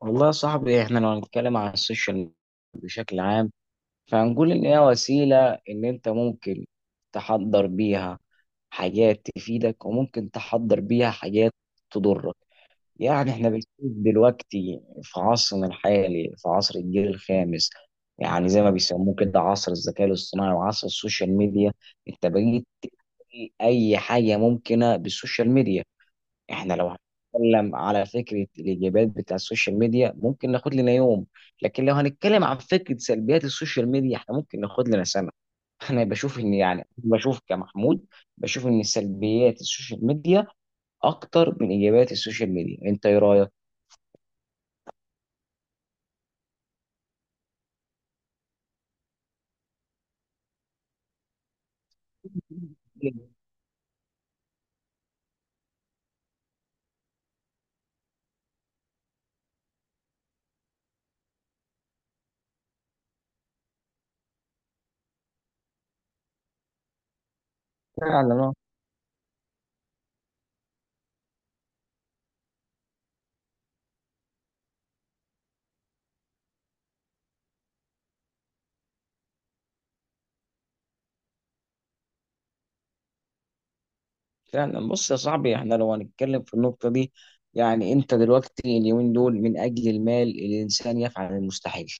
والله يا صاحبي، احنا لو هنتكلم عن السوشيال بشكل عام فهنقول ان هي وسيلة ان انت ممكن تحضر بيها حاجات تفيدك وممكن تحضر بيها حاجات تضرك. يعني احنا بنشوف دلوقتي في عصرنا الحالي، في عصر الجيل الخامس، يعني زي ما بيسموه كده عصر الذكاء الاصطناعي وعصر السوشيال ميديا. انت بقيت اي حاجة ممكنة بالسوشيال ميديا. احنا لو هنتكلم على فكره الايجابيات بتاع السوشيال ميديا ممكن ناخد لنا يوم، لكن لو هنتكلم عن فكره سلبيات السوشيال ميديا احنا ممكن ناخد لنا سنه. انا بشوف ان، يعني بشوف كمحمود، بشوف ان سلبيات السوشيال ميديا اكتر من ايجابيات السوشيال ميديا. انت ايه رايك؟ فعلا اه فعلا بص يا صاحبي، احنا لو هنتكلم في النقطة دي. يعني انت دلوقتي اليومين دول من اجل المال الانسان يفعل المستحيل.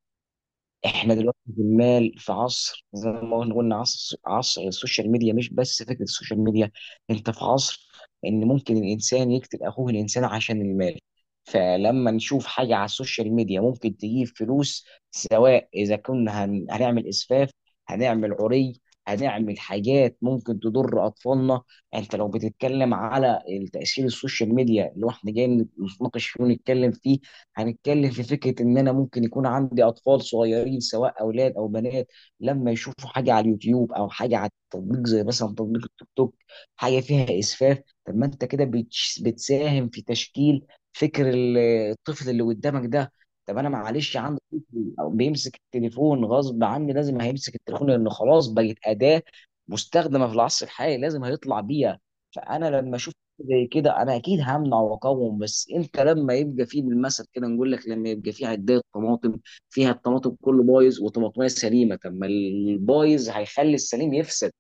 احنا دلوقتي جمال في عصر زي ما قلنا عصر السوشيال ميديا، مش بس فكره السوشيال ميديا. انت في عصر ان ممكن الانسان يقتل اخوه الانسان عشان المال. فلما نشوف حاجه على السوشيال ميديا ممكن تجيب فلوس، سواء اذا كنا هنعمل اسفاف، هنعمل عري، هنعمل حاجات ممكن تضر اطفالنا. انت لو بتتكلم على تاثير السوشيال ميديا اللي احنا جايين نتناقش فيه ونتكلم فيه، هنتكلم في فكرة إن أنا ممكن يكون عندي أطفال صغيرين سواء أولاد أو بنات. لما يشوفوا حاجة على اليوتيوب أو حاجة على التطبيق زي مثلا تطبيق التيك توك، حاجة فيها إسفاف. طب ما أنت كده بتساهم في تشكيل فكر الطفل اللي قدامك ده. طب أنا معلش عندي طفل أو بيمسك التليفون غصب عني، لازم هيمسك التليفون لأنه خلاص بقت أداة مستخدمة في العصر الحالي، لازم هيطلع بيها. فأنا لما أشوف زي كده انا اكيد همنع واقاوم. بس انت لما يبقى فيه بالمثل كده، نقول لك لما يبقى فيه عدايه طماطم فيها الطماطم كله بايظ وطماطميه سليمه، طب ما البايظ هيخلي السليم يفسد.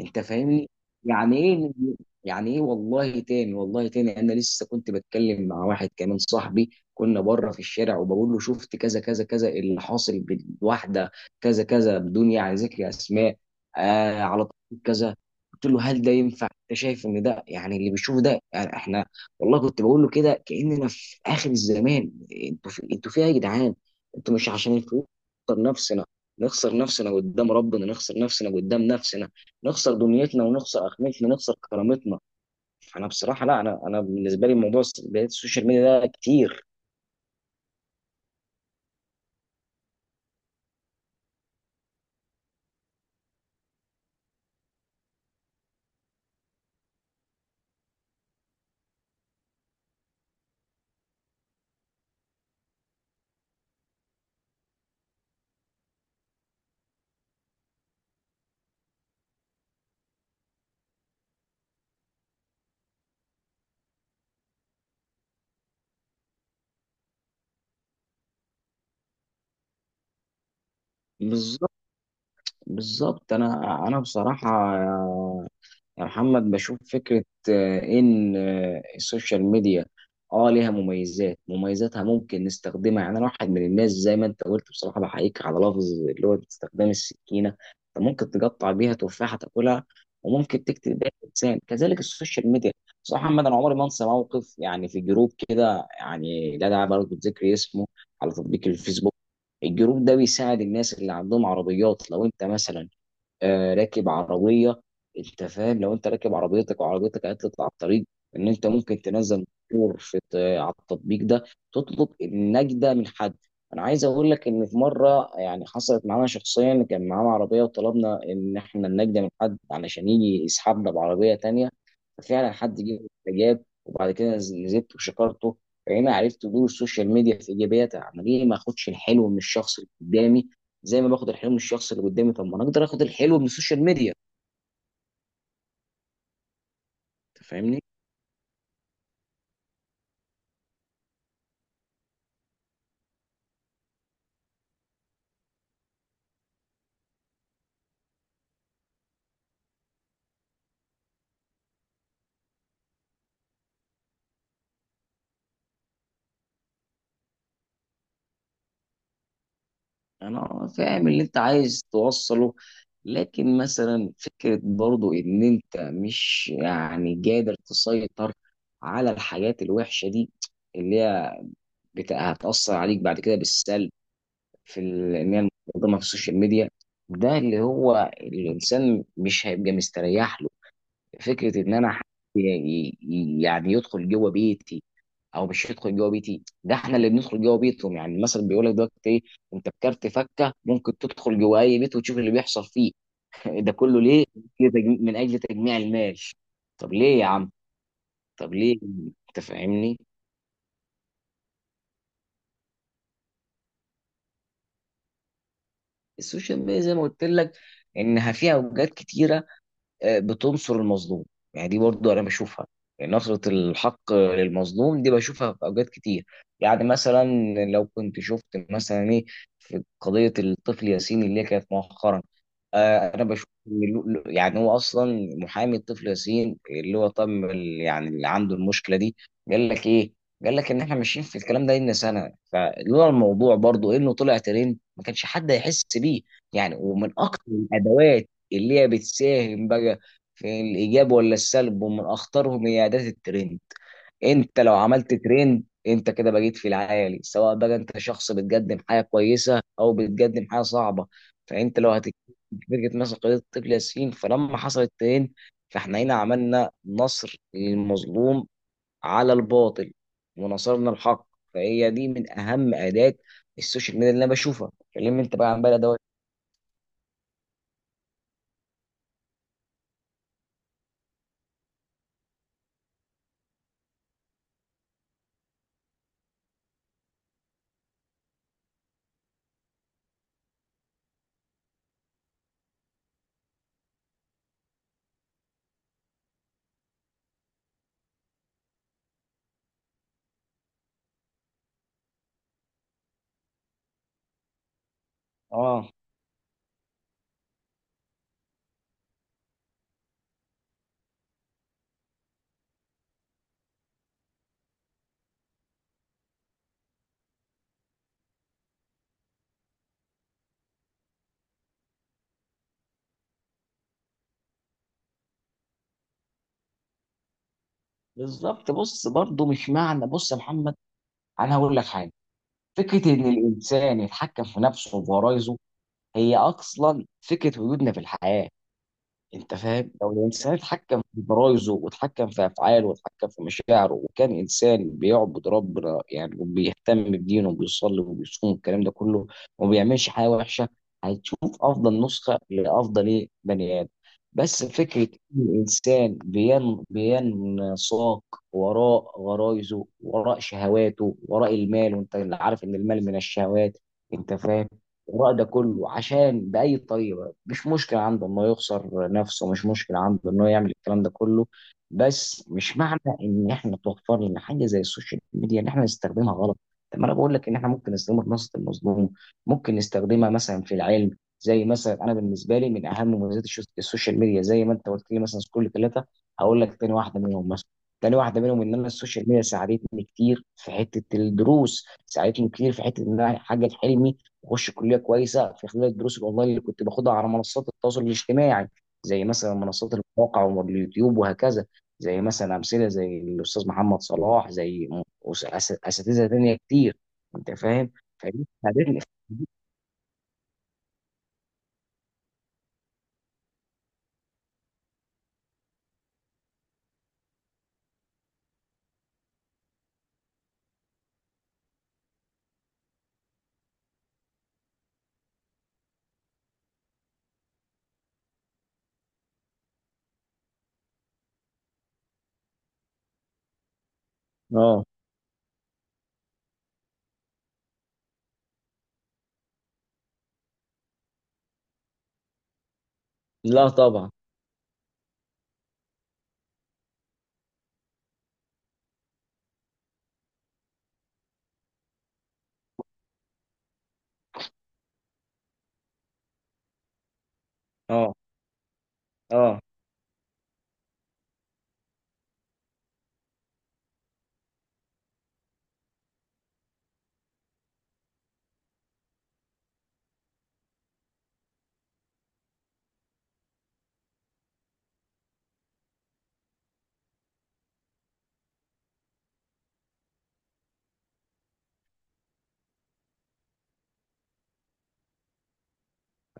انت فاهمني؟ يعني ايه؟ يعني ايه؟ والله تاني، والله تاني، انا لسه كنت بتكلم مع واحد كمان صاحبي، كنا بره في الشارع وبقول له شفت كذا كذا كذا اللي حاصل بالواحده، كذا كذا، بدون يعني ذكر اسماء. آه، على طول كذا. قلت له هل ده ينفع؟ انت شايف ان ده، يعني اللي بيشوف ده يعني احنا. والله كنت بقول له كده كاننا في اخر الزمان. انتوا فيها يا جدعان. انتوا مش عشان الفلوس نخسر نفسنا، نخسر نفسنا قدام ربنا، نخسر نفسنا قدام نفسنا، نخسر دنيتنا ونخسر اخرتنا، نخسر كرامتنا. انا بصراحه لا، انا بالنسبه لي موضوع بداية السوشيال ميديا ده كتير. بالظبط بالظبط، انا بصراحه يا محمد بشوف فكرة. إن السوشيال ميديا ليها مميزاتها ممكن نستخدمها. يعني أنا واحد من الناس، زي ما أنت قلت، بصراحة بحييك على لفظ اللي هو استخدام السكينة. أنت ممكن تقطع بيها تفاحة تاكلها، وممكن تكتب بيها إنسان. كذلك السوشيال ميديا. بصراحة محمد، أنا عمري ما أنسى موقف، يعني في جروب كده، يعني لا داعي برضه لذكر اسمه، على تطبيق الفيسبوك. الجروب ده بيساعد الناس اللي عندهم عربيات. لو انت مثلا راكب عربيه، انت فاهم، لو انت راكب عربيتك وعربيتك عطلت على الطريق، ان انت ممكن تنزل مشهور على التطبيق ده تطلب النجده من حد. انا عايز اقول لك ان في مره يعني حصلت معانا شخصيا، كان معانا عربيه وطلبنا ان احنا النجده من حد علشان يجي يسحبنا بعربيه تانية. ففعلا حد جه، جاب، وبعد كده نزلت وشكرته. فهنا عرفت دور السوشيال ميديا في ايجابياتها عمال ايه. ما اخدش الحلو من الشخص اللي قدامي؟ زي ما باخد الحلو من الشخص اللي قدامي، طب ما انا اقدر اخد الحلو من السوشيال ميديا. انت فاهمني؟ انا فاهم اللي انت عايز توصله. لكن مثلا فكرة برضو ان انت مش يعني قادر تسيطر على الحاجات الوحشة دي، اللي هي هتأثر عليك بعد كده بالسلب. في ان هي المقدمة في السوشيال ميديا، ده اللي هو الانسان مش هيبقى مستريح له. فكرة ان انا حد ي- يعني يدخل جوه بيتي، او مش يدخل جوه بيتي، ده احنا اللي بندخل جوه بيتهم. يعني المثل بيقول لك دلوقتي ايه؟ انت بكارت فكه ممكن تدخل جوه اي بيت وتشوف اللي بيحصل فيه. ده كله ليه؟ ليه من اجل تجميع المال؟ طب ليه يا عم؟ طب ليه؟ انت فاهمني؟ السوشيال ميديا زي ما قلت لك انها فيها اوجات كتيره. بتنصر المظلوم. يعني دي برضو انا بشوفها، يعني نصرة الحق للمظلوم دي بشوفها في اوجات كتير. يعني مثلا، لو كنت شفت مثلا ايه، في قضية الطفل ياسين اللي هي كانت مؤخرا. انا بشوف ان يعني هو اصلا محامي الطفل ياسين، اللي هو يعني اللي عنده المشكله دي، قال لك ايه؟ قال لك ان احنا ماشيين في الكلام ده لنا سنه، فلولا الموضوع برضو انه طلع ترند ما كانش حد هيحس بيه. يعني ومن اكتر الادوات اللي هي بتساهم بقى في الايجاب ولا السلب ومن اخطرهم، هي اداه الترند. انت لو عملت ترند انت كده بقيت في العالي، سواء بقى انت شخص بتقدم حاجه كويسه او بتقدم حاجه صعبه. فانت لو هتتكلم في فرقه مثلا قضيه الطفل ياسين، فلما حصل الترند فاحنا هنا عملنا نصر للمظلوم على الباطل، ونصرنا الحق. فهي دي من اهم اداه السوشيال ميديا اللي انا بشوفها. كلمني انت بقى عن بقى دوت. اه. بالظبط. بص برضه مش معنى، بص يا محمد، انا هقول لك حاجه. فكره ان الانسان يتحكم في نفسه وفي غرايزه، هي اصلا فكره وجودنا في الحياه. انت فاهم، لو الانسان اتحكم في برايزه واتحكم في افعاله واتحكم في مشاعره، وكان انسان بيعبد ربنا، يعني وبيهتم بدينه وبيصلي وبيصوم والكلام ده كله، وما بيعملش حاجه وحشه، هتشوف افضل نسخه لافضل ايه بني ادم. بس فكره ان الانسان بينساق وراء غرايزه، وراء شهواته، وراء المال، وانت اللي عارف ان المال من الشهوات، انت فاهم، وراء ده كله عشان باي طريقه، مش مشكلة عنده إنه يخسر نفسه، مش مشكلة عنده إنه يعمل الكلام ده كله. بس مش معنى إن إحنا توفر لنا حاجة زي السوشيال ميديا إن إحنا نستخدمها غلط. طب ما أنا بقول لك إن إحنا ممكن نستخدمها في نصرة المظلوم، ممكن نستخدمها مثلا في العلم. زي مثلا أنا بالنسبة لي من أهم مميزات السوشيال ميديا، زي ما أنت قلت لي مثلا كل ثلاثة، هقول لك تاني واحدة منهم مثلا. تاني واحدة منهم إن أنا السوشيال ميديا ساعدتني كتير في حتة الدروس، ساعدتني كتير في حتة إن أنا أحقق حلمي. واخش كليه كويسه في خلال الدروس الاونلاين اللي كنت باخدها على منصات التواصل الاجتماعي. زي مثلا منصات المواقع واليوتيوب وهكذا. زي مثلا امثله زي الاستاذ محمد صلاح، زي اساتذه تانيه كتير. انت فاهم؟ فدي ساعدتني. اه. لا طبعا. اه. اه.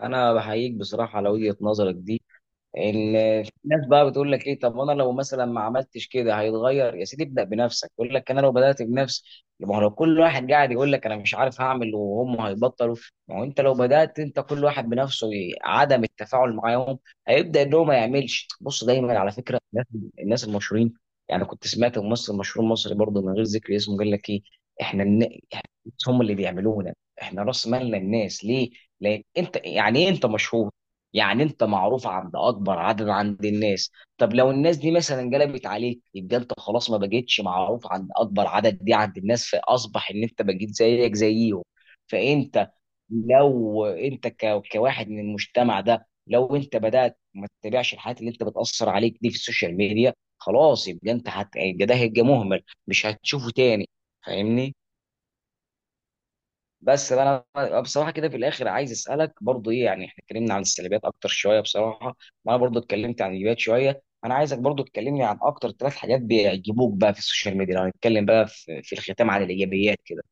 انا بحييك بصراحه على وجهه نظرك دي. في ناس بقى بتقول لك ايه؟ طب انا لو مثلا ما عملتش كده هيتغير. يا سيدي ابدا بنفسك. يقول لك انا لو بدات بنفسي. ما هو لو كل واحد قاعد يقول لك انا مش عارف هعمل، وهم هيبطلوا. ما هو انت لو بدات انت كل واحد بنفسه عدم التفاعل معاهم، هيبدا ان هو ما يعملش. بص دايما على فكره الناس المشهورين. يعني كنت سمعت ممثل مشهور مصري برضه من غير ذكر اسمه قال لك ايه. احنا إحنا هم اللي بيعملونا. احنا راس مالنا الناس. ليه؟ لان انت يعني ايه انت مشهور، يعني انت معروف عند اكبر عدد عند الناس. طب لو الناس دي مثلا قلبت عليك يبقى انت خلاص ما بقيتش معروف عند اكبر عدد دي عند الناس، فاصبح ان انت بقيت زيك زيهم. فانت لو انت كواحد من المجتمع ده، لو انت بدأت ما تتابعش الحاجات اللي انت بتأثر عليك دي في السوشيال ميديا خلاص، يبقى انت يبقى ده هيبقى مهمل، مش هتشوفه تاني. فاهمني؟ بس انا بصراحه كده في الاخر عايز اسالك برضو ايه. يعني احنا اتكلمنا عن السلبيات اكتر شويه بصراحه، وانا برضو اتكلمت عن الايجابيات شويه. انا عايزك برضو تكلمني عن اكتر ثلاث حاجات بيعجبوك بقى في السوشيال ميديا، لو هنتكلم بقى في الختام عن الايجابيات كده.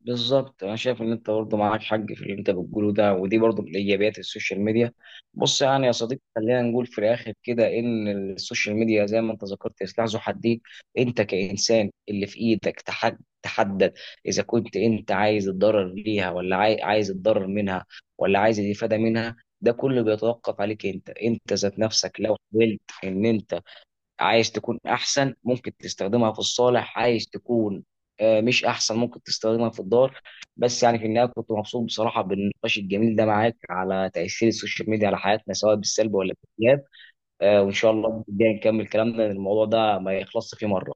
بالظبط. انا شايف ان انت برضه معاك حق في اللي انت بتقوله ده، ودي برضه من ايجابيات السوشيال ميديا. بص يعني يا صديقي، خلينا نقول في الاخر كده ان السوشيال ميديا زي ما انت ذكرت سلاح ذو حدين. انت كانسان اللي في ايدك تحدد اذا كنت انت عايز الضرر ليها، ولا عايز الضرر منها، ولا عايز الافاده منها. ده كله بيتوقف عليك انت، انت ذات نفسك، لو حاولت ان انت عايز تكون احسن ممكن تستخدمها في الصالح، عايز تكون مش احسن ممكن تستخدمها في الدار. بس يعني في النهايه كنت مبسوط بصراحه بالنقاش الجميل ده معاك على تاثير السوشيال ميديا على حياتنا، سواء بالسلب ولا بالايجاب. وان شاء الله الجاي نكمل كلامنا لأن الموضوع ده ما يخلصش فيه مره.